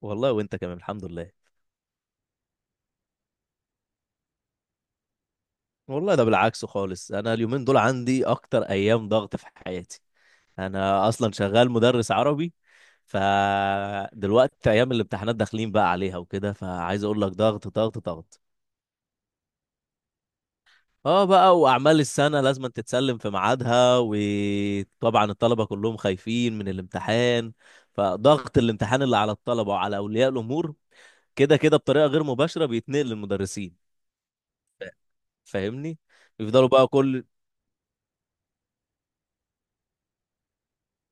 والله وانت كمان، الحمد لله. والله ده بالعكس خالص. انا اليومين دول عندي اكتر ايام ضغط في حياتي. انا اصلا شغال مدرس عربي. فدلوقتي ايام الامتحانات داخلين بقى عليها وكده، فعايز اقول لك ضغط ضغط ضغط. اه بقى، واعمال السنة لازم تتسلم في ميعادها، وطبعا الطلبة كلهم خايفين من الامتحان. فضغط الامتحان اللي على الطلبة وعلى اولياء الامور كده كده بطريقة غير مباشرة بيتنقل للمدرسين. فاهمني؟ يفضلوا بقى كل...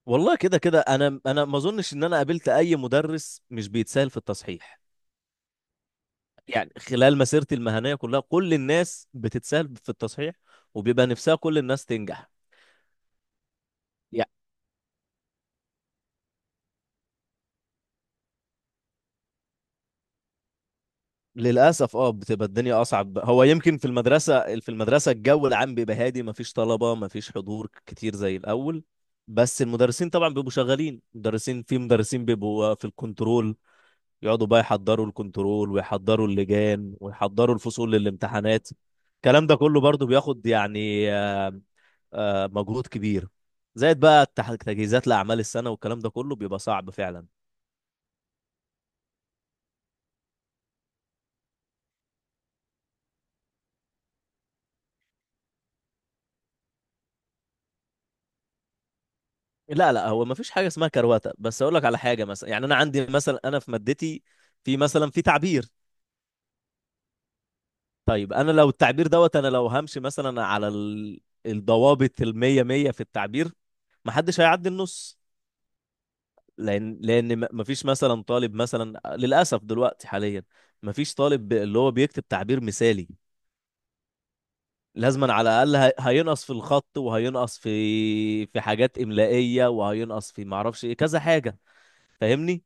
والله كده كده انا ما اظنش ان انا قابلت اي مدرس مش بيتسال في التصحيح. يعني خلال مسيرتي المهنيه كلها كل الناس بتتسال في التصحيح، وبيبقى نفسها كل الناس تنجح. يعني للاسف اه بتبقى الدنيا اصعب. هو يمكن في المدرسه، في المدرسه الجو العام بيبقى هادي، ما فيش طلبه ما فيش حضور كتير زي الاول. بس المدرسين طبعا بيبقوا شغالين، مدرسين في مدرسين بيبقوا في الكنترول، يقعدوا بقى يحضروا الكنترول ويحضروا اللجان ويحضروا الفصول للامتحانات. الكلام ده كله برضو بياخد يعني مجهود كبير. زائد بقى تجهيزات لأعمال السنة والكلام ده كله بيبقى صعب فعلا. لا لا، هو ما فيش حاجة اسمها كرواتة، بس أقول لك على حاجة مثلا. يعني أنا عندي مثلا، أنا في مادتي في مثلا في تعبير. طيب أنا لو التعبير دوت، أنا لو همشي مثلا على الضوابط المية مية في التعبير محدش هيعدي النص. لان ما فيش مثلا طالب مثلا، للاسف دلوقتي حاليا ما فيش طالب اللي هو بيكتب تعبير مثالي. لازما على الاقل هينقص في الخط وهينقص في حاجات املائيه وهينقص في معرفش ايه كذا حاجه. فاهمني؟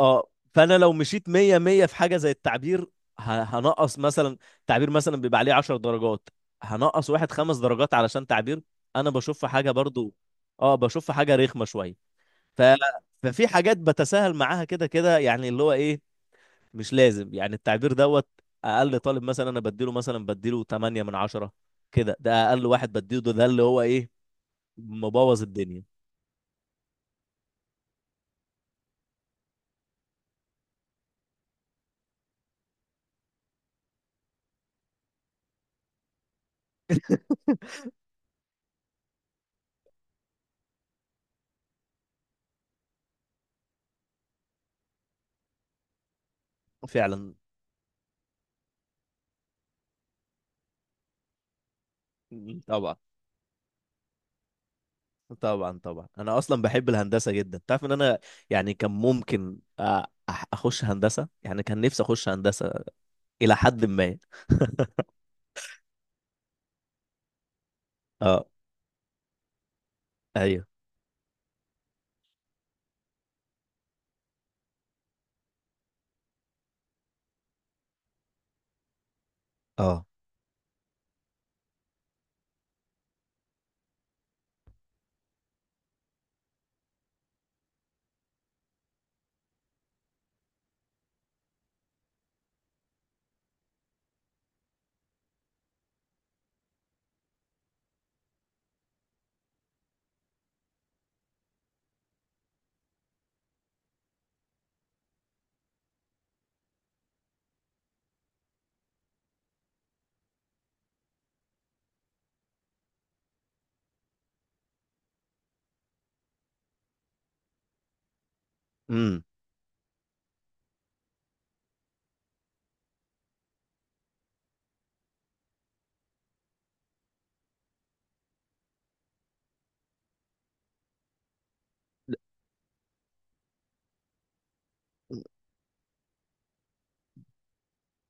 اه، فانا لو مشيت 100 100 في حاجه زي التعبير هنقص مثلا. تعبير مثلا بيبقى عليه 10 درجات، هنقص واحد خمس درجات علشان تعبير انا بشوف في حاجه برضو. اه بشوف في حاجه رخمه شويه. ف... ففي حاجات بتساهل معاها كده كده، يعني اللي هو ايه، مش لازم يعني التعبير دوت. اقل طالب مثلا انا بديله مثلا بديله 8 من 10. كده ده اقل واحد بديله ده, ده اللي هو ايه، مبوظ الدنيا. فعلا. طبعا، طبعا طبعا انا اصلا بحب الهندسه جدا. تعرف ان انا يعني كان ممكن اخش هندسه، يعني كان نفسي اخش هندسه الى حد ما. اه. ايوه. اه. امم.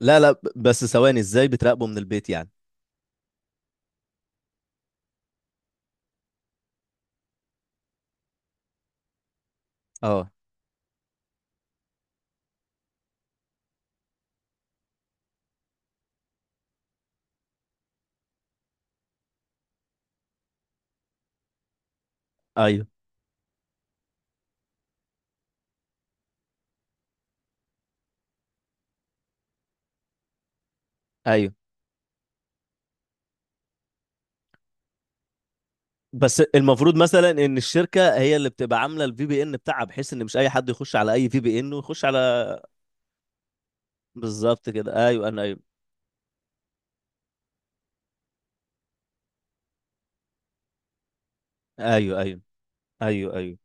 لا لا، بس ثواني، ازاي بتراقبه من البيت يعني؟ اه، ايوه ايوه. بس المفروض مثلا ان الشركه هي اللي بتبقى عامله الفي بي ان بتاعها، بحيث ان مش اي حد يخش على اي في بي ان ويخش على... بالظبط كده، ايوه. انا ايوه ايوه ايوه. ايوه ايوه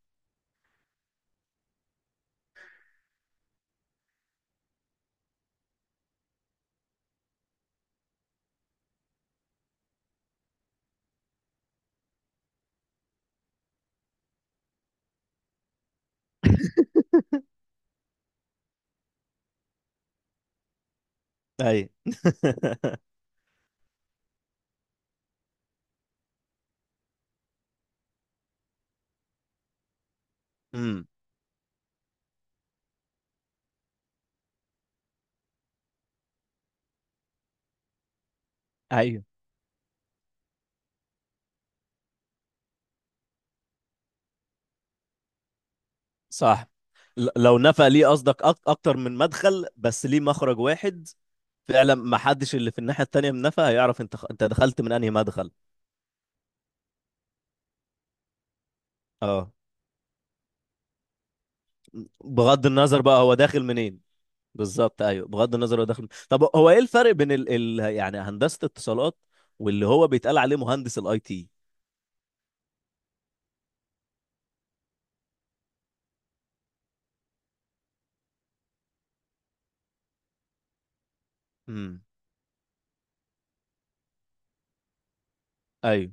ايوه. امم. ايوه. صح. لو نفع ليه، قصدك اكتر من مدخل بس ليه مخرج واحد؟ فعلا، ما حدش اللي في الناحيه التانيه من نفع هيعرف انت انت دخلت من انهي مدخل. اه، بغض النظر بقى هو داخل منين. بالظبط، ايوه بغض النظر هو داخل. طب هو ايه الفرق بين يعني هندسه اتصالات واللي هو بيتقال عليه مهندس الاي تي؟ امم. ايوه.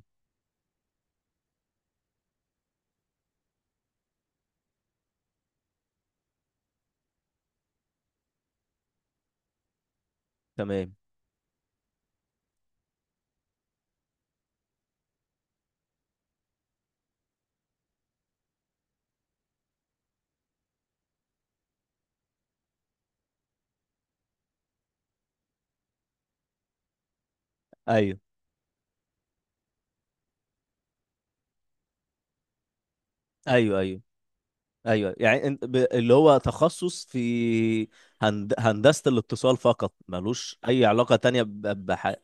تمام. ايوه ايوه ايوه ايوه. يعني انت اللي هو تخصص في هندسه الاتصال فقط، ملوش اي علاقه تانية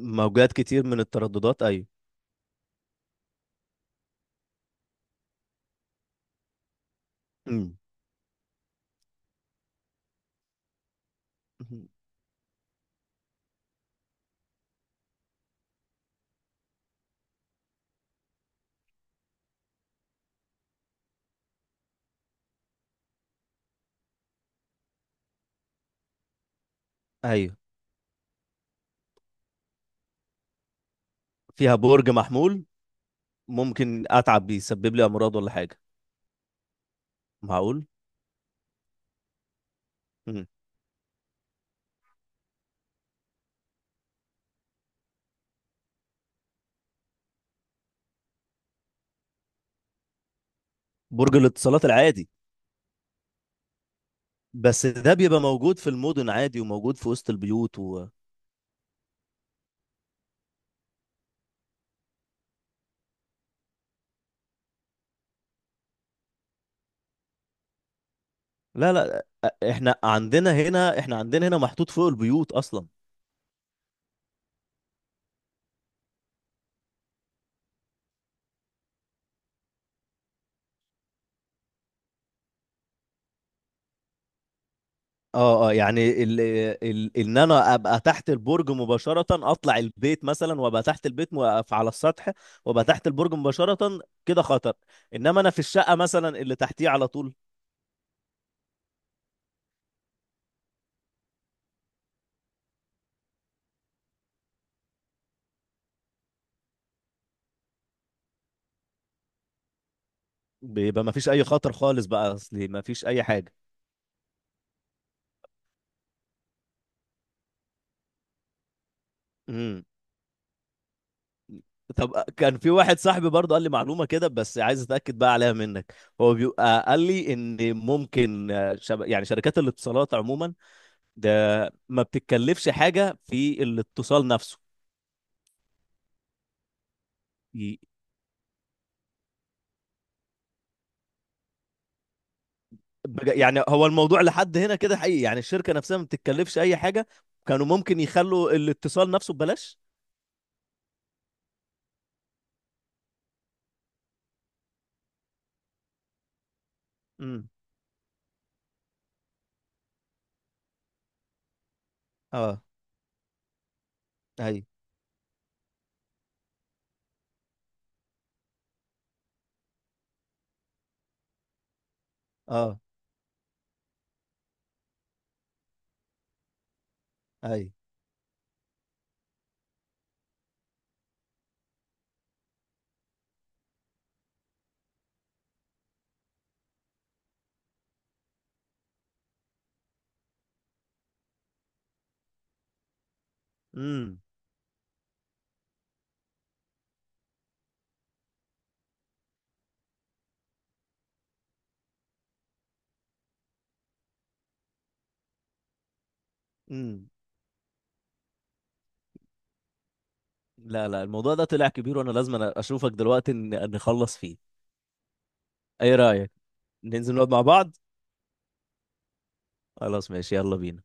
موجات كتير من الترددات ايوه. امم. ايوه. فيها برج محمول ممكن اتعب، بيسبب لي امراض ولا حاجه؟ معقول. امم. برج الاتصالات العادي؟ بس ده بيبقى موجود في المدن عادي، وموجود في وسط البيوت و... لا لا، احنا عندنا هنا، احنا عندنا هنا محطوط فوق البيوت اصلا. اه اه، يعني ان انا ابقى تحت البرج مباشرة، اطلع البيت مثلا وابقى تحت البيت واقف على السطح وابقى تحت البرج مباشرة كده خطر، انما انا في الشقة مثلا اللي تحتيه على طول بيبقى ما فيش اي خطر خالص بقى اصلي، ما فيش اي حاجة. طب كان في واحد صاحبي برضه قال لي معلومة كده، بس عايز اتأكد بقى عليها منك. هو بيبقى قال لي ان ممكن يعني شركات الاتصالات عموما ده ما بتتكلفش حاجة في الاتصال نفسه. ي- يعني هو الموضوع لحد هنا كده حقيقي، يعني الشركة نفسها ما بتتكلفش اي حاجة؟ كانوا ممكن يخلوا الاتصال نفسه ببلاش. امم. اه. اي. اه. اي. امم. امم. لا لا، الموضوع ده طلع كبير، وانا لازم أنا اشوفك دلوقتي نخلص فيه. ايه رأيك ننزل نقعد مع بعض؟ خلاص ماشي، يلا بينا.